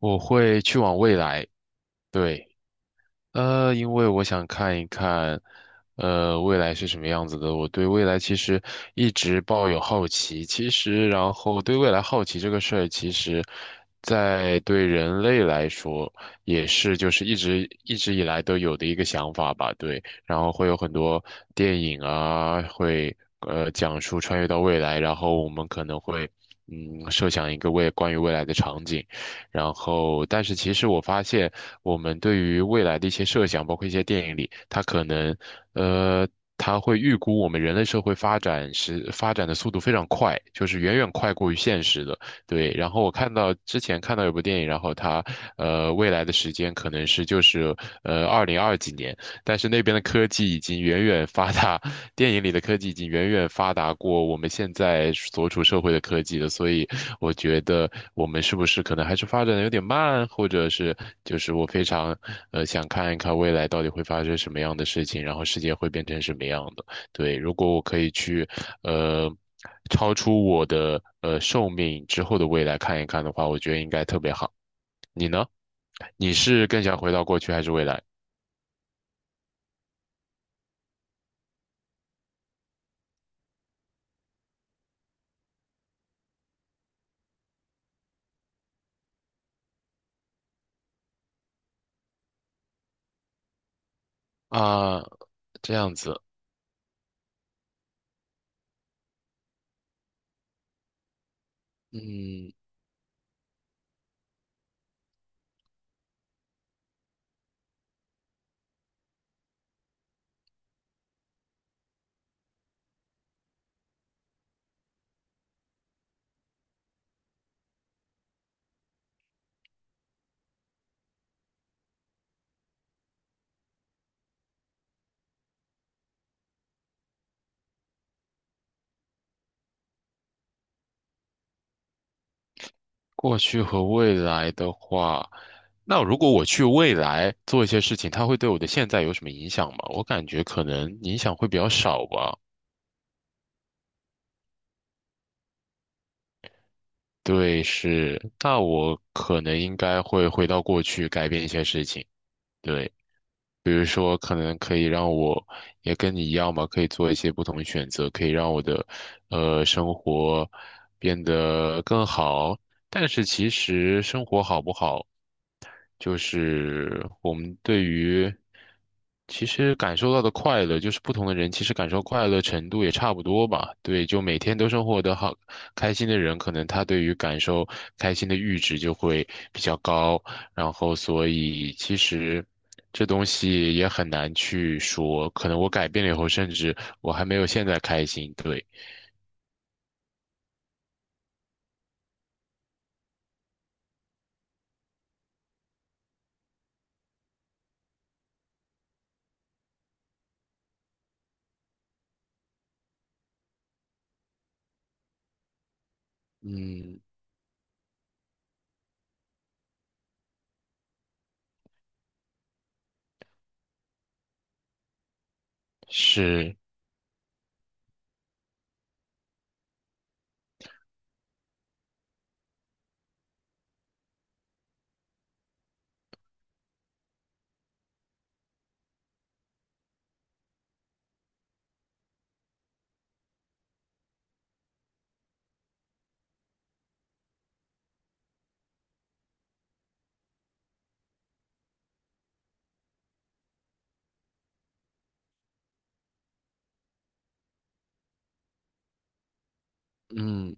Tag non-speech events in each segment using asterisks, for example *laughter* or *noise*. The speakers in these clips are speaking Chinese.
我会去往未来，对，因为我想看一看，未来是什么样子的。我对未来其实一直抱有好奇，其实然后对未来好奇这个事儿，其实，在对人类来说也是就是一直一直以来都有的一个想法吧，对。然后会有很多电影啊，会讲述穿越到未来，然后我们可能会设想一个未关于未来的场景。然后，但是其实我发现，我们对于未来的一些设想，包括一些电影里，它可能，呃，它会预估我们人类社会发展的速度非常快，就是远远快过于现实的。对，然后我看到之前看到有部电影，然后它，未来的时间可能是就是二零二几年，但是那边的科技已经远远发达，电影里的科技已经远远发达过我们现在所处社会的科技了，所以我觉得我们是不是可能还是发展的有点慢，或者是就是我非常想看一看未来到底会发生什么样的事情，然后世界会变成什么样的。对，如果我可以去呃超出我的寿命之后的未来看一看的话，我觉得应该特别好。你呢？你是更想回到过去还是未来？啊，这样子，嗯，过去和未来的话，那如果我去未来做一些事情，它会对我的现在有什么影响吗？我感觉可能影响会比较少吧。对，是，那我可能应该会回到过去改变一些事情。对，比如说可能可以让我也跟你一样嘛，可以做一些不同的选择，可以让我的生活变得更好。但是其实生活好不好？就是我们对于其实感受到的快乐，就是不同的人其实感受快乐程度也差不多吧。对，就每天都生活得好开心的人，可能他对于感受开心的阈值就会比较高，然后所以其实。这东西也很难去说，可能我改变了以后，甚至我还没有现在开心。对，嗯，是，嗯。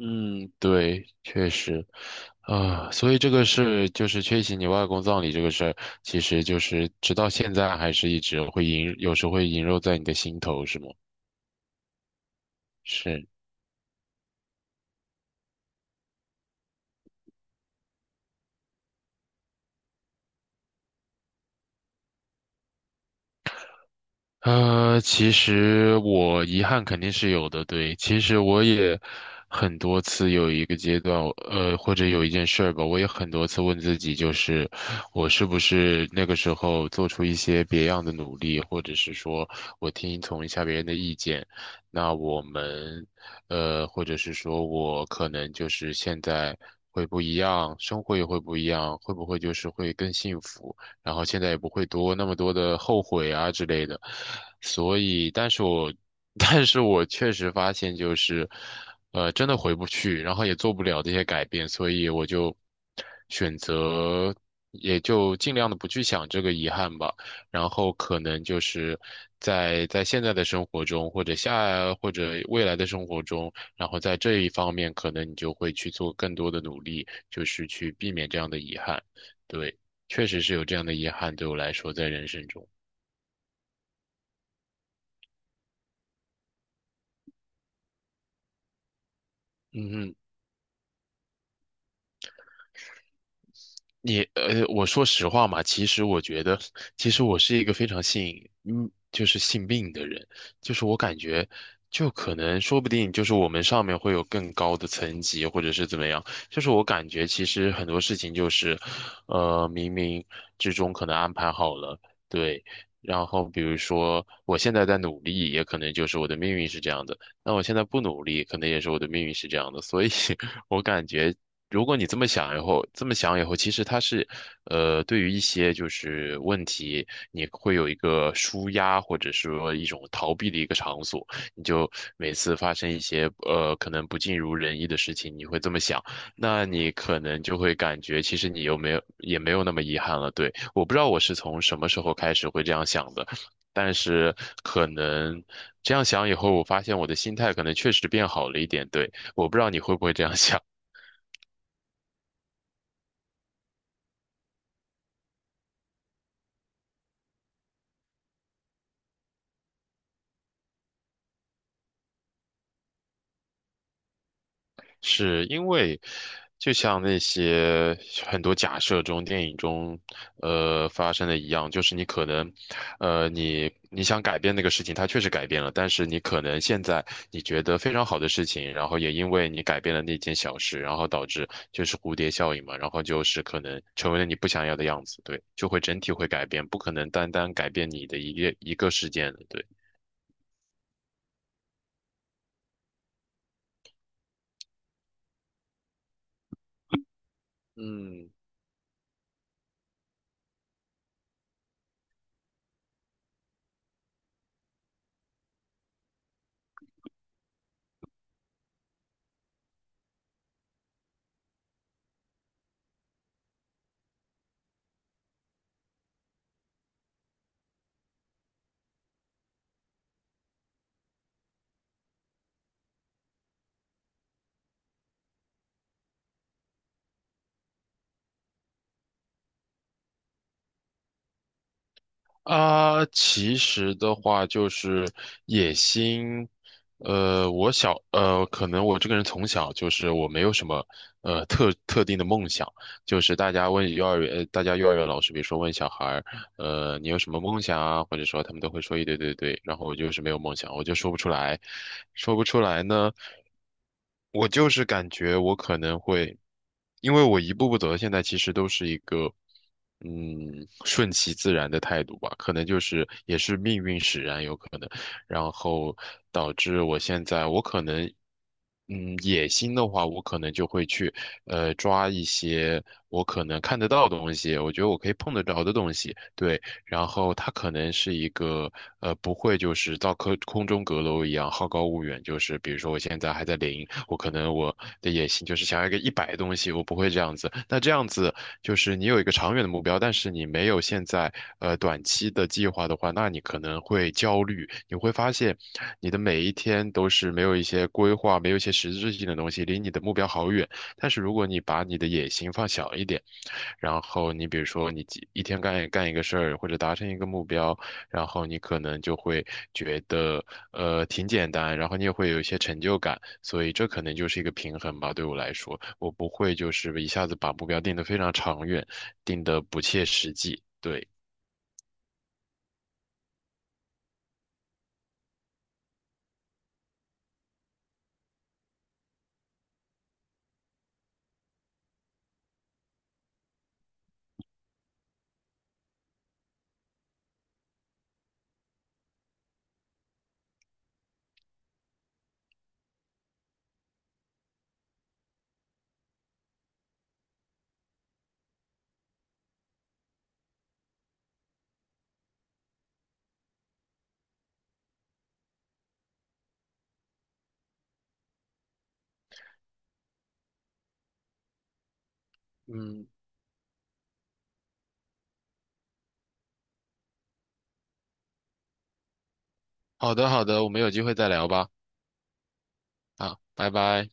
嗯，对，确实，啊，所以这个事就是缺席你外公葬礼这个事儿，其实就是直到现在还是一直会萦，有时会萦绕在你的心头，是吗？是。其实我遗憾肯定是有的，对。其实我也很多次有一个阶段，或者有一件事儿吧，我也很多次问自己，就是我是不是那个时候做出一些别样的努力，或者是说我听从一下别人的意见，那我们，或者是说我可能就是现在会不一样，生活也会不一样，会不会就是会更幸福？然后现在也不会多那么多的后悔啊之类的。所以，但是我，*laughs* 但是我确实发现就是，真的回不去，然后也做不了这些改变，所以我就选择，也就尽量的不去想这个遗憾吧。然后可能就是在现在的生活中，或者或者未来的生活中，然后在这一方面，可能你就会去做更多的努力，就是去避免这样的遗憾。对。确实是有这样的遗憾，对我来说，在人生中，嗯哼。我说实话嘛，其实我觉得，其实我是一个非常信，就是信命的人，就是我感觉，就可能说不定就是我们上面会有更高的层级，或者是怎么样，就是我感觉其实很多事情就是，冥冥之中可能安排好了，对，然后比如说我现在在努力，也可能就是我的命运是这样的，那我现在不努力，可能也是我的命运是这样的，所以 *laughs* 我感觉如果你这么想以后，其实它是，对于一些就是问题，你会有一个舒压或者说一种逃避的一个场所。你就每次发生一些可能不尽如人意的事情，你会这么想，那你可能就会感觉其实你又没有也没有那么遗憾了。对，我不知道我是从什么时候开始会这样想的，但是可能这样想以后，我发现我的心态可能确实变好了一点。对，我不知道你会不会这样想。是因为，就像那些很多假设中、电影中，发生的一样，就是你可能，你想改变那个事情，它确实改变了，但是你可能现在你觉得非常好的事情，然后也因为你改变了那件小事，然后导致就是蝴蝶效应嘛，然后就是可能成为了你不想要的样子，对，就会整体会改变，不可能单单改变你的一个一个事件的，对。嗯，啊，其实的话就是野心，可能我这个人从小就是我没有什么，特定的梦想，就是大家幼儿园老师，比如说问小孩儿，你有什么梦想啊？或者说他们都会说一堆对对，然后我就是没有梦想，我就说不出来，说不出来呢。我就是感觉我可能会，因为我一步步走到现在，其实都是一个，顺其自然的态度吧。可能就是也是命运使然，有可能，然后导致我现在，我可能，野心的话，我可能就会去，抓一些我可能看得到的东西，我觉得我可以碰得着的东西，对，然后它可能是一个不会就是到空中阁楼一样好高骛远，就是比如说我现在还在零，我可能我的野心就是想要一个100的东西，我不会这样子。那这样子就是你有一个长远的目标，但是你没有现在短期的计划的话，那你可能会焦虑，你会发现你的每一天都是没有一些规划，没有一些实质性的东西，离你的目标好远。但是如果你把你的野心放小一点，然后你比如说你一天干一个事儿或者达成一个目标，然后你可能就会觉得挺简单，然后你也会有一些成就感，所以这可能就是一个平衡吧。对我来说，我不会就是一下子把目标定得非常长远，定得不切实际。对，嗯，好的好的，我们有机会再聊吧。啊，拜拜。